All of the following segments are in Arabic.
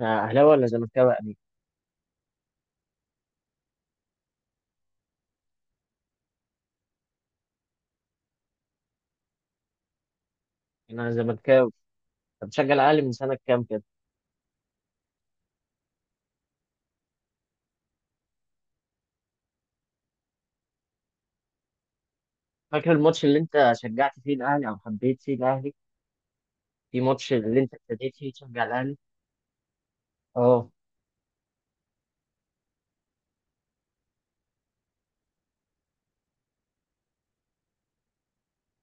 اهلاوي ولا زملكاوي يا امير؟ يعني انا زملكاوي. طب بشجع الاهلي من سنه كام كده؟ فاكر الماتش اللي انت شجعت فيه الاهلي او حبيت فيه الاهلي؟ في ماتش اللي انت ابتديت فيه تشجع الاهلي؟ اه.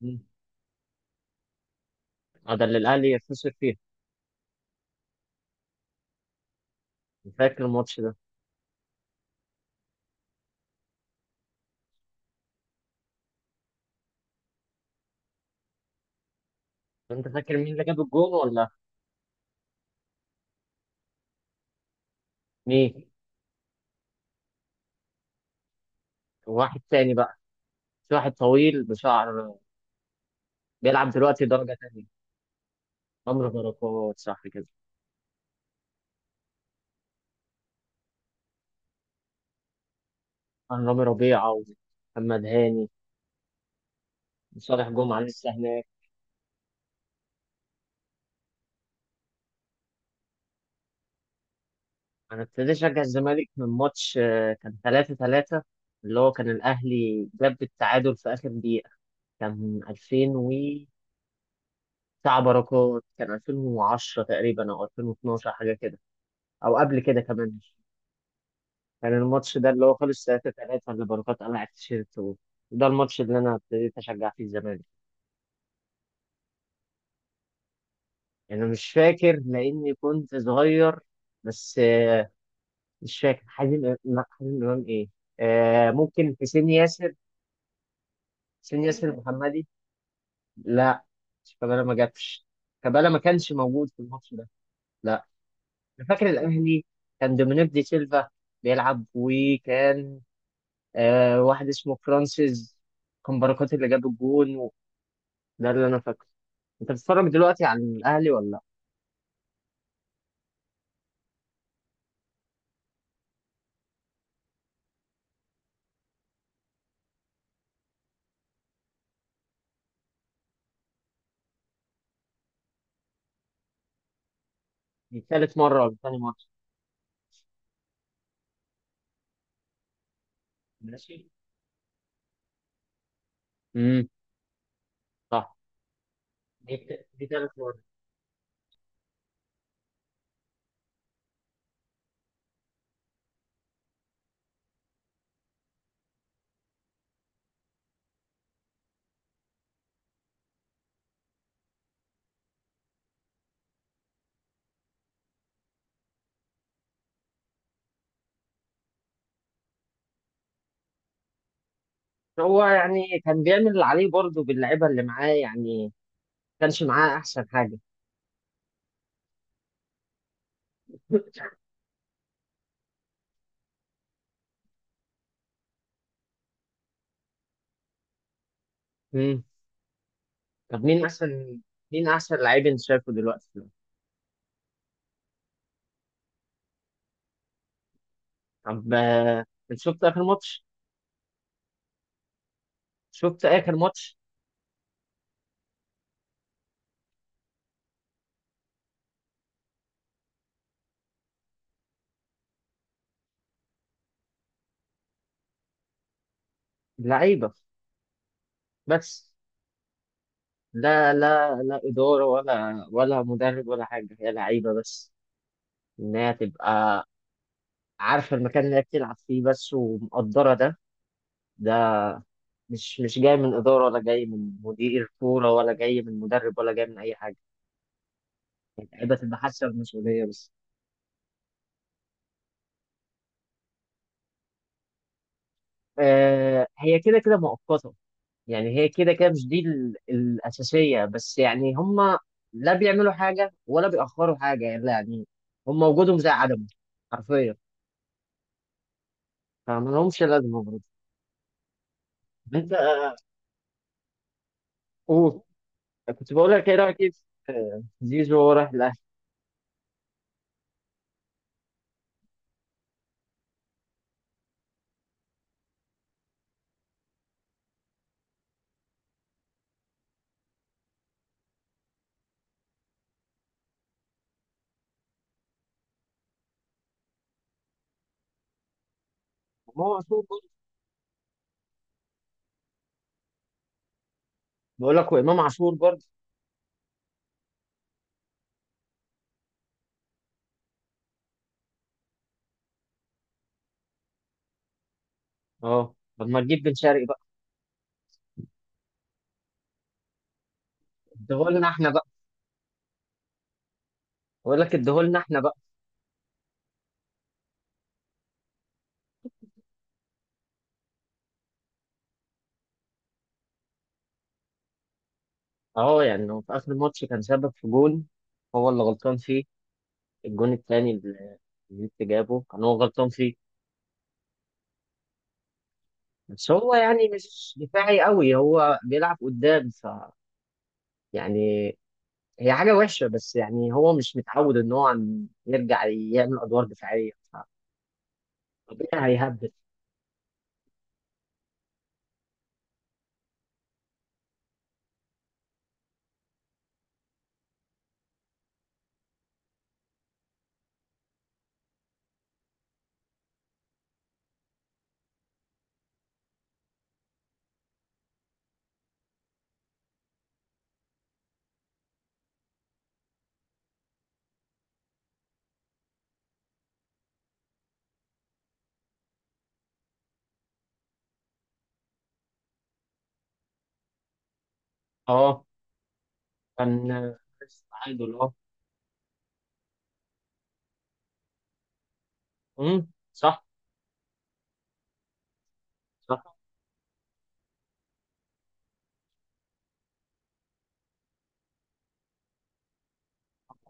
مم. اه، ده اللي الاهلي خسر فيه. فاكر الماتش ده؟ انت فاكر مين اللي جاب الجون ولا؟ مين؟ واحد تاني بقى، في واحد طويل بشعر بيلعب دلوقتي درجه تانيه. عمرو بركات، صح كده؟ عن رامي ربيعه ومحمد هاني. وصالح جمعه لسه هناك. انا ابتديت اشجع الزمالك من ماتش كان 3-3، اللي هو كان الاهلي جاب التعادل في اخر دقيقه. كان 2000 و... بتاع بركات، كان 2010 تقريبا او 2012 حاجه كده، او قبل كده كمان. كان الماتش ده اللي هو خلص 3-3، اللي بركات قلع التيشيرت وده الماتش اللي انا ابتديت اشجع فيه الزمالك. يعني انا مش فاكر لاني كنت صغير، بس مش فاكر حازم لا، حازم امام ايه. ممكن حسين ياسر، حسين ياسر محمدي. لا، شيكابالا ما جاتش. شيكابالا ما كانش موجود في الماتش ده. لا، انا فاكر الاهلي كان دومينيك دي سيلفا بيلعب، وكان واحد اسمه فرانسيس. كان بركات اللي جاب الجون و... ده اللي انا فاكره. انت بتتفرج دلوقتي على الاهلي ولا لا؟ دي ثالث مره ولا ثاني مره؟ ماشي. امم. صح. دي دي ثالث مره. هو يعني كان بيعمل اللي عليه برضه، باللعيبه اللي معاه. يعني ما كانش معاه احسن حاجه. طب مين احسن؟ مين احسن لعيب انت شايفه دلوقتي؟ طب انت شفت اخر ماتش؟ شفت اخر ماتش؟ لعيبه بس. لا لا لا، اداره ولا مدرب ولا حاجه، هي لعيبه بس. انها تبقى عارفه المكان اللي هي بتلعب فيه بس ومقدره ده. ده مش جاي من اداره، ولا جاي من مدير كوره، ولا جاي من مدرب، ولا جاي من اي حاجه. اللعيبه تبقى حاسه بالمسؤوليه بس. هي كده كده مؤقته. يعني هي كده كده مش دي الأساسية بس. يعني هما لا بيعملوا حاجة ولا بيأخروا حاجة، يعني لا، يعني هما وجودهم زي عدمه حرفيا. فما لهمش لازمة برضه. أنت قول. كنت بقول لك إيه رأيك إيه في زيزو وهو رايح الأهلي؟ إمام عاشور برضه. بقول لك وإمام عاشور برضه. أه، طب ما تجيب بن شرقي بقى؟ اديهولنا إحنا بقى. بقول لك اديهولنا إحنا بقى. أه، يعني هو في آخر الماتش كان سبب في جون، هو اللي غلطان فيه. الجون التاني اللي جابه كان هو غلطان فيه. بس هو يعني مش دفاعي قوي، هو بيلعب قدام ف... يعني هي حاجة وحشة، بس يعني هو مش متعود ان هو يرجع يعمل ادوار دفاعية، فطبيعي هيهبل. اه، كان. بس تعادل، اه. صح. صح.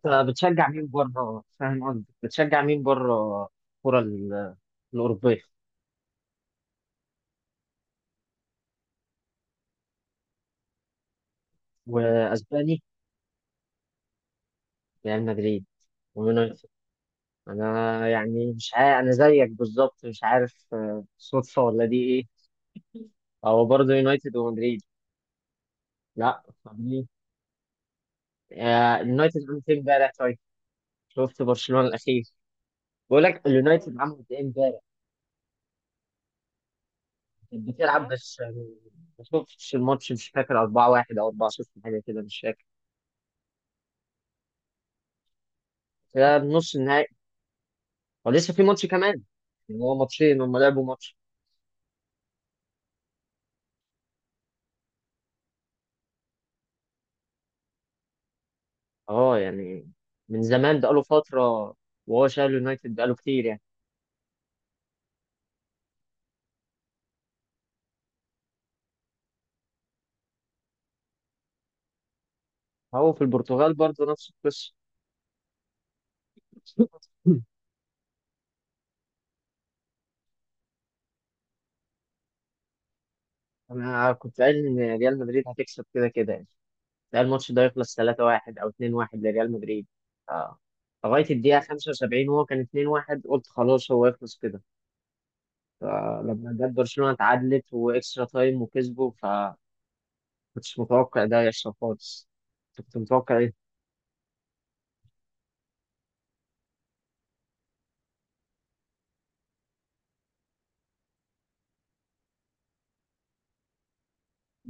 أنت بتشجع مين بره؟ فاهم قصدي، بتشجع مين بره، الكرة الأوروبية. وأسباني ريال مدريد ويونايتد. أنا يعني مش عارف، أنا زيك بالظبط مش عارف، صدفة ولا دي إيه. هو برضه يونايتد ومدريد. لا، طب ليه؟ اليونايتد عملت ايه امبارح طيب؟ شفت برشلونة الأخير. بقول لك اليونايتد عملت ايه امبارح؟ كانت بتلعب بس، ما شفتش الماتش. مش فاكر 4-1 أو 4-0، حاجة كده مش فاكر. ده نص النهائي ولسه في ماتش كمان. يعني هو ماتشين، هم لعبوا ماتش. اه. يعني من زمان بقاله فترة وهو شايل اليونايتد، بقاله كتير يعني. هو في البرتغال برضه نفس القصة. أنا كنت قايل إن ريال مدريد هتكسب كده كده يعني. ده الماتش ده يخلص 3-1 او 2-1 لريال مدريد. آه. لغايه الدقيقه 75 وهو كان 2-1، قلت خلاص هو يخلص كده. فلما جت برشلونه اتعادلت واكسترا تايم وكسبوا، فكنتش متوقع ده يحصل خالص. كنت متوقع ايه.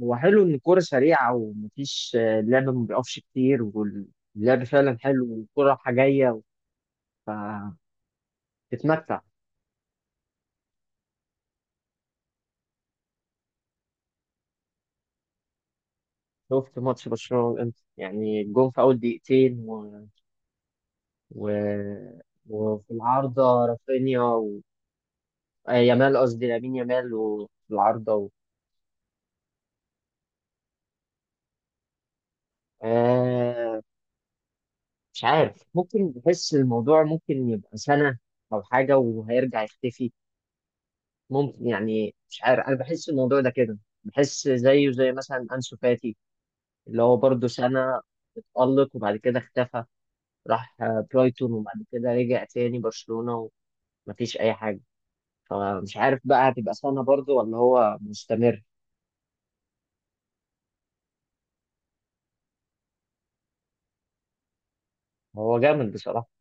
هو حلو ان الكوره سريعه ومفيش اللعب ما بيقفش كتير، واللعب فعلا حلو والكوره رايحه جايه، فتتمتع. شفت ماتش برشلونه والانتر، يعني الجون في اول دقيقتين و... وفي العارضة رافينيا و... يامال، قصدي لامين يامال وفي العارضة و... آه مش عارف، ممكن بحس الموضوع ممكن يبقى سنة أو حاجة وهيرجع يختفي. ممكن يعني مش عارف، أنا بحس الموضوع ده كده. بحس زيه زي مثلا أنسو فاتي، اللي هو برضه سنة اتألق وبعد كده اختفى. راح برايتون وبعد كده رجع تاني برشلونة ومفيش أي حاجة. فمش عارف بقى هتبقى سنة برضه ولا هو مستمر. هو جامد بصراحة.